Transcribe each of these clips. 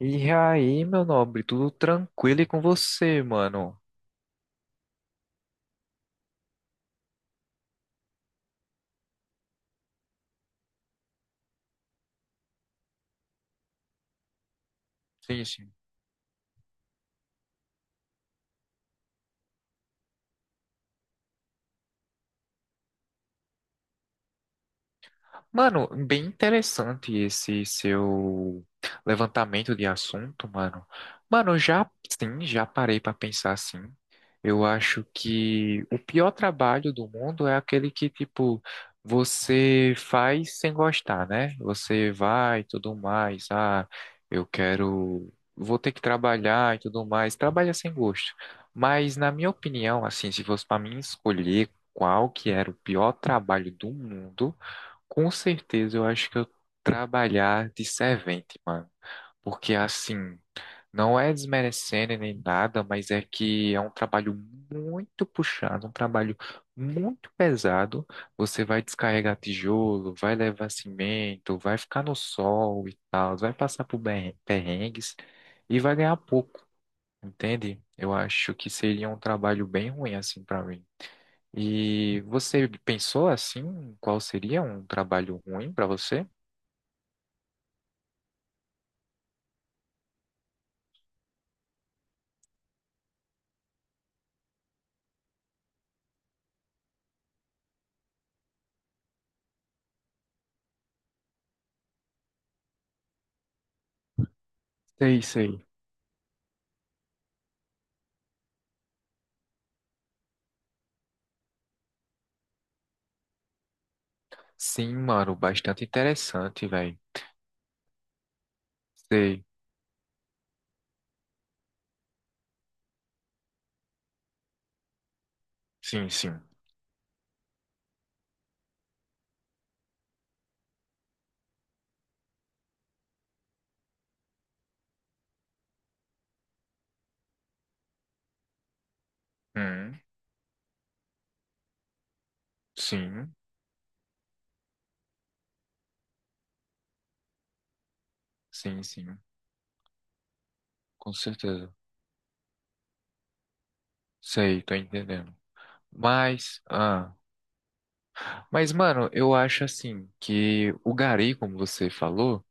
E aí, meu nobre, tudo tranquilo e com você, mano? Sim, sim. Mano, bem interessante esse seu levantamento de assunto, mano. Mano, já sim, já parei pra pensar assim. Eu acho que o pior trabalho do mundo é aquele que, tipo, você faz sem gostar, né? Você vai e tudo mais. Ah, eu quero. Vou ter que trabalhar e tudo mais. Trabalha sem gosto. Mas, na minha opinião, assim, se fosse pra mim escolher qual que era o pior trabalho do mundo. Com certeza, eu acho que eu trabalhar de servente, mano. Porque assim, não é desmerecendo nem nada, mas é que é um trabalho muito puxado, um trabalho muito pesado. Você vai descarregar tijolo, vai levar cimento, vai ficar no sol e tal, vai passar por perrengues e vai ganhar pouco, entende? Eu acho que seria um trabalho bem ruim assim para mim. E você pensou assim, qual seria um trabalho ruim para você? Sei, sei. Sim, mano, bastante interessante, velho. Sei. Sim, sim. Hum, sim, sim, sim. Com certeza. Sei, tô entendendo. Mas, ah, mas, mano, eu acho assim que o gari, como você falou,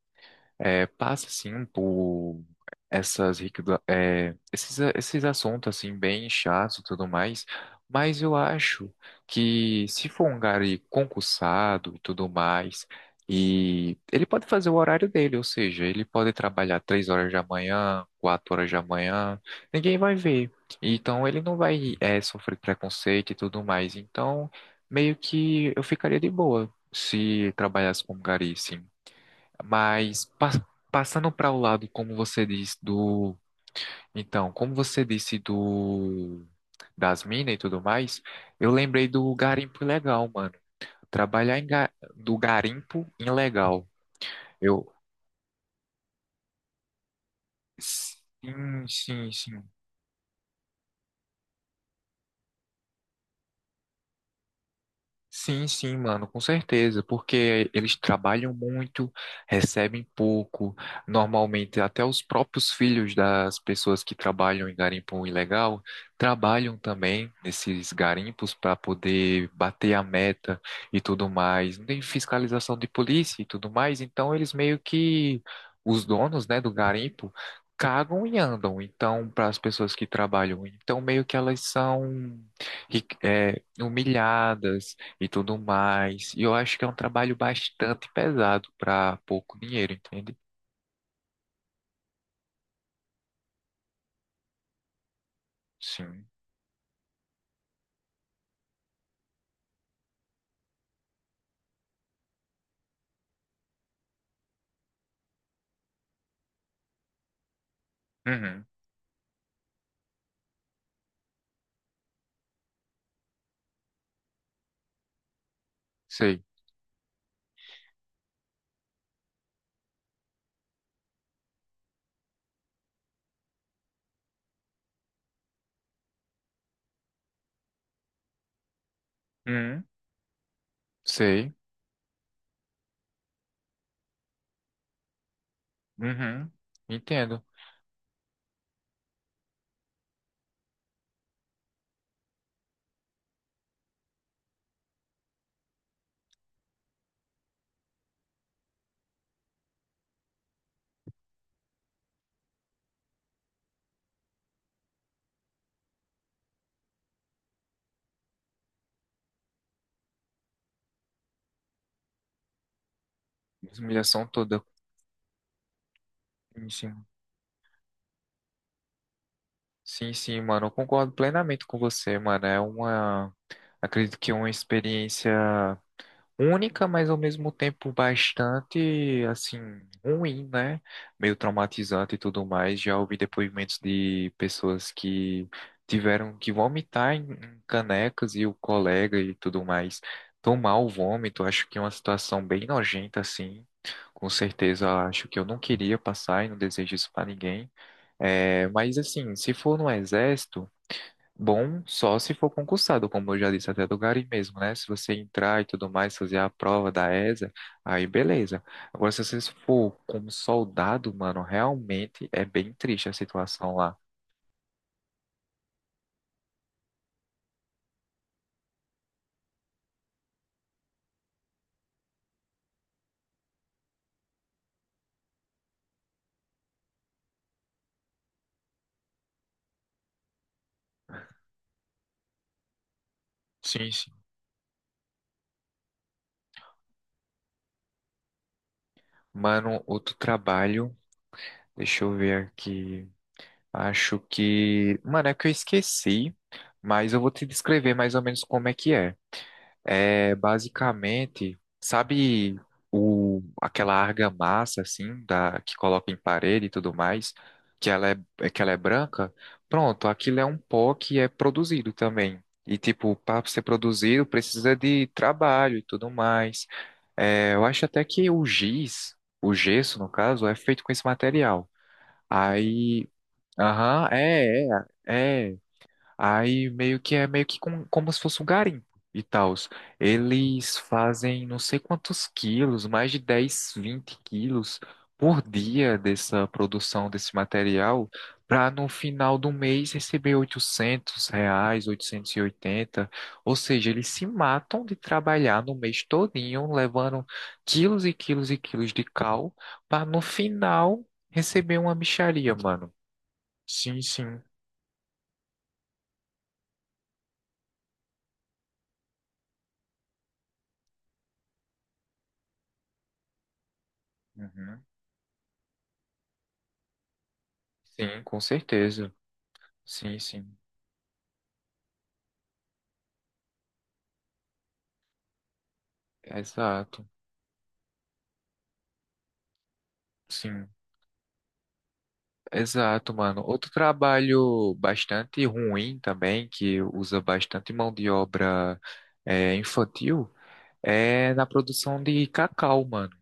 é, passa assim por essas riquida- é, esses, a- esses assuntos assim bem chatos e tudo mais, mas eu acho que se for um gari concursado e tudo mais, e ele pode fazer o horário dele, ou seja, ele pode trabalhar 3 horas da manhã, 4 horas da manhã, ninguém vai ver. Então ele não vai sofrer preconceito e tudo mais. Então meio que eu ficaria de boa se trabalhasse como gari, sim. Mas passando para o lado, como você disse, do. Então, como você disse do. Das minas e tudo mais, eu lembrei do garimpo ilegal, mano. Trabalhar em do garimpo ilegal. Eu. Sim, sim, sim. Sim, sim, mano, com certeza, porque eles trabalham muito, recebem pouco. Normalmente, até os próprios filhos das pessoas que trabalham em garimpo ilegal trabalham também nesses garimpos para poder bater a meta e tudo mais. Não tem fiscalização de polícia e tudo mais, então eles meio que os donos, né, do garimpo cagam e andam. Então, para as pessoas que trabalham, então meio que elas são humilhadas e tudo mais. E eu acho que é um trabalho bastante pesado para pouco dinheiro, entende? Sim. Uhum. Sei. Uhum. Sei. Uhum. Entendo. Essa humilhação toda. Sim, sim, sim, sim, mano. Eu concordo plenamente com você, mano. É uma. Acredito que é uma experiência única, mas ao mesmo tempo bastante, assim, ruim, né? Meio traumatizante e tudo mais. Já ouvi depoimentos de pessoas que tiveram que vomitar em canecas e o colega e tudo mais tomar o vômito. Acho que é uma situação bem nojenta, assim. Com certeza, acho que eu não queria passar e não desejo isso para ninguém. É, mas assim, se for no exército. Bom, só se for concursado, como eu já disse, até do Gari mesmo, né? Se você entrar e tudo mais, fazer a prova da ESA, aí beleza. Agora, se você for como soldado, mano, realmente é bem triste a situação lá. Sim, sim. Mano, outro trabalho, deixa eu ver aqui. Acho que. Mano, é que eu esqueci, mas eu vou te descrever mais ou menos como é que é. É basicamente, sabe o, aquela argamassa assim da que coloca em parede e tudo mais, que ela é, é que ela é branca? Pronto, aquilo é um pó que é produzido também. E tipo, para ser produzido precisa de trabalho e tudo mais. É, eu acho até que o giz, o gesso no caso, é feito com esse material. Aí, aham, é, é, é. Aí meio que é meio que como se fosse um garimpo e tal. Eles fazem não sei quantos quilos, mais de 10 20 quilos por dia dessa produção desse material, para no final do mês receber 800 reais, 880. Ou seja, eles se matam de trabalhar no mês todinho, levando quilos e quilos e quilos de cal, para no final receber uma mixaria, mano. Sim, sim. Uhum. Sim, com certeza. Sim, sim. Exato. Sim, exato, mano. Outro trabalho bastante ruim também, que usa bastante mão de obra infantil, é na produção de cacau, mano.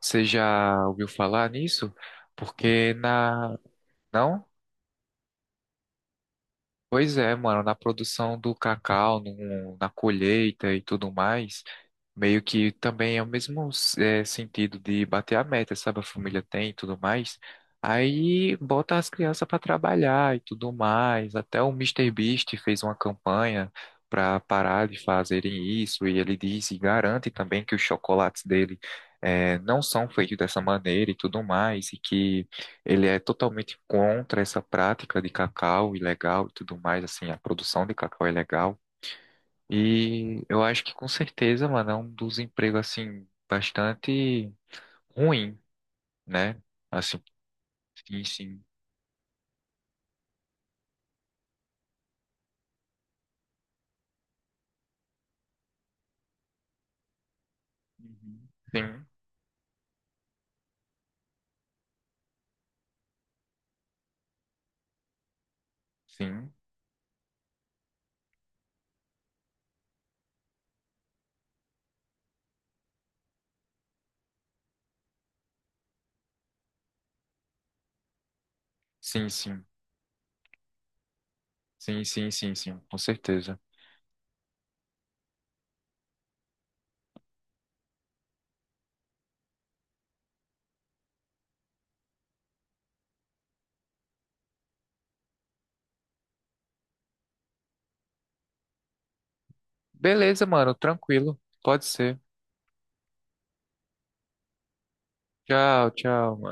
Você já ouviu falar nisso? Porque na. Não? Pois é, mano, na produção do cacau, na colheita e tudo mais, meio que também é o mesmo sentido de bater a meta, sabe? A família tem e tudo mais. Aí bota as crianças para trabalhar e tudo mais. Até o Mister Beast fez uma campanha para parar de fazerem isso, e ele diz e garante também que os chocolates dele não são feitos dessa maneira e tudo mais, e que. Ele é totalmente contra essa prática de cacau ilegal e tudo mais, assim, a produção de cacau ilegal. E eu acho que com certeza, mano, é um dos empregos, assim, bastante ruim, né? Assim, sim, sim, Uhum. Sim, sim, sim, sim, sim, sim, sim, sim, com certeza. Beleza, mano, tranquilo, pode ser. Tchau, tchau.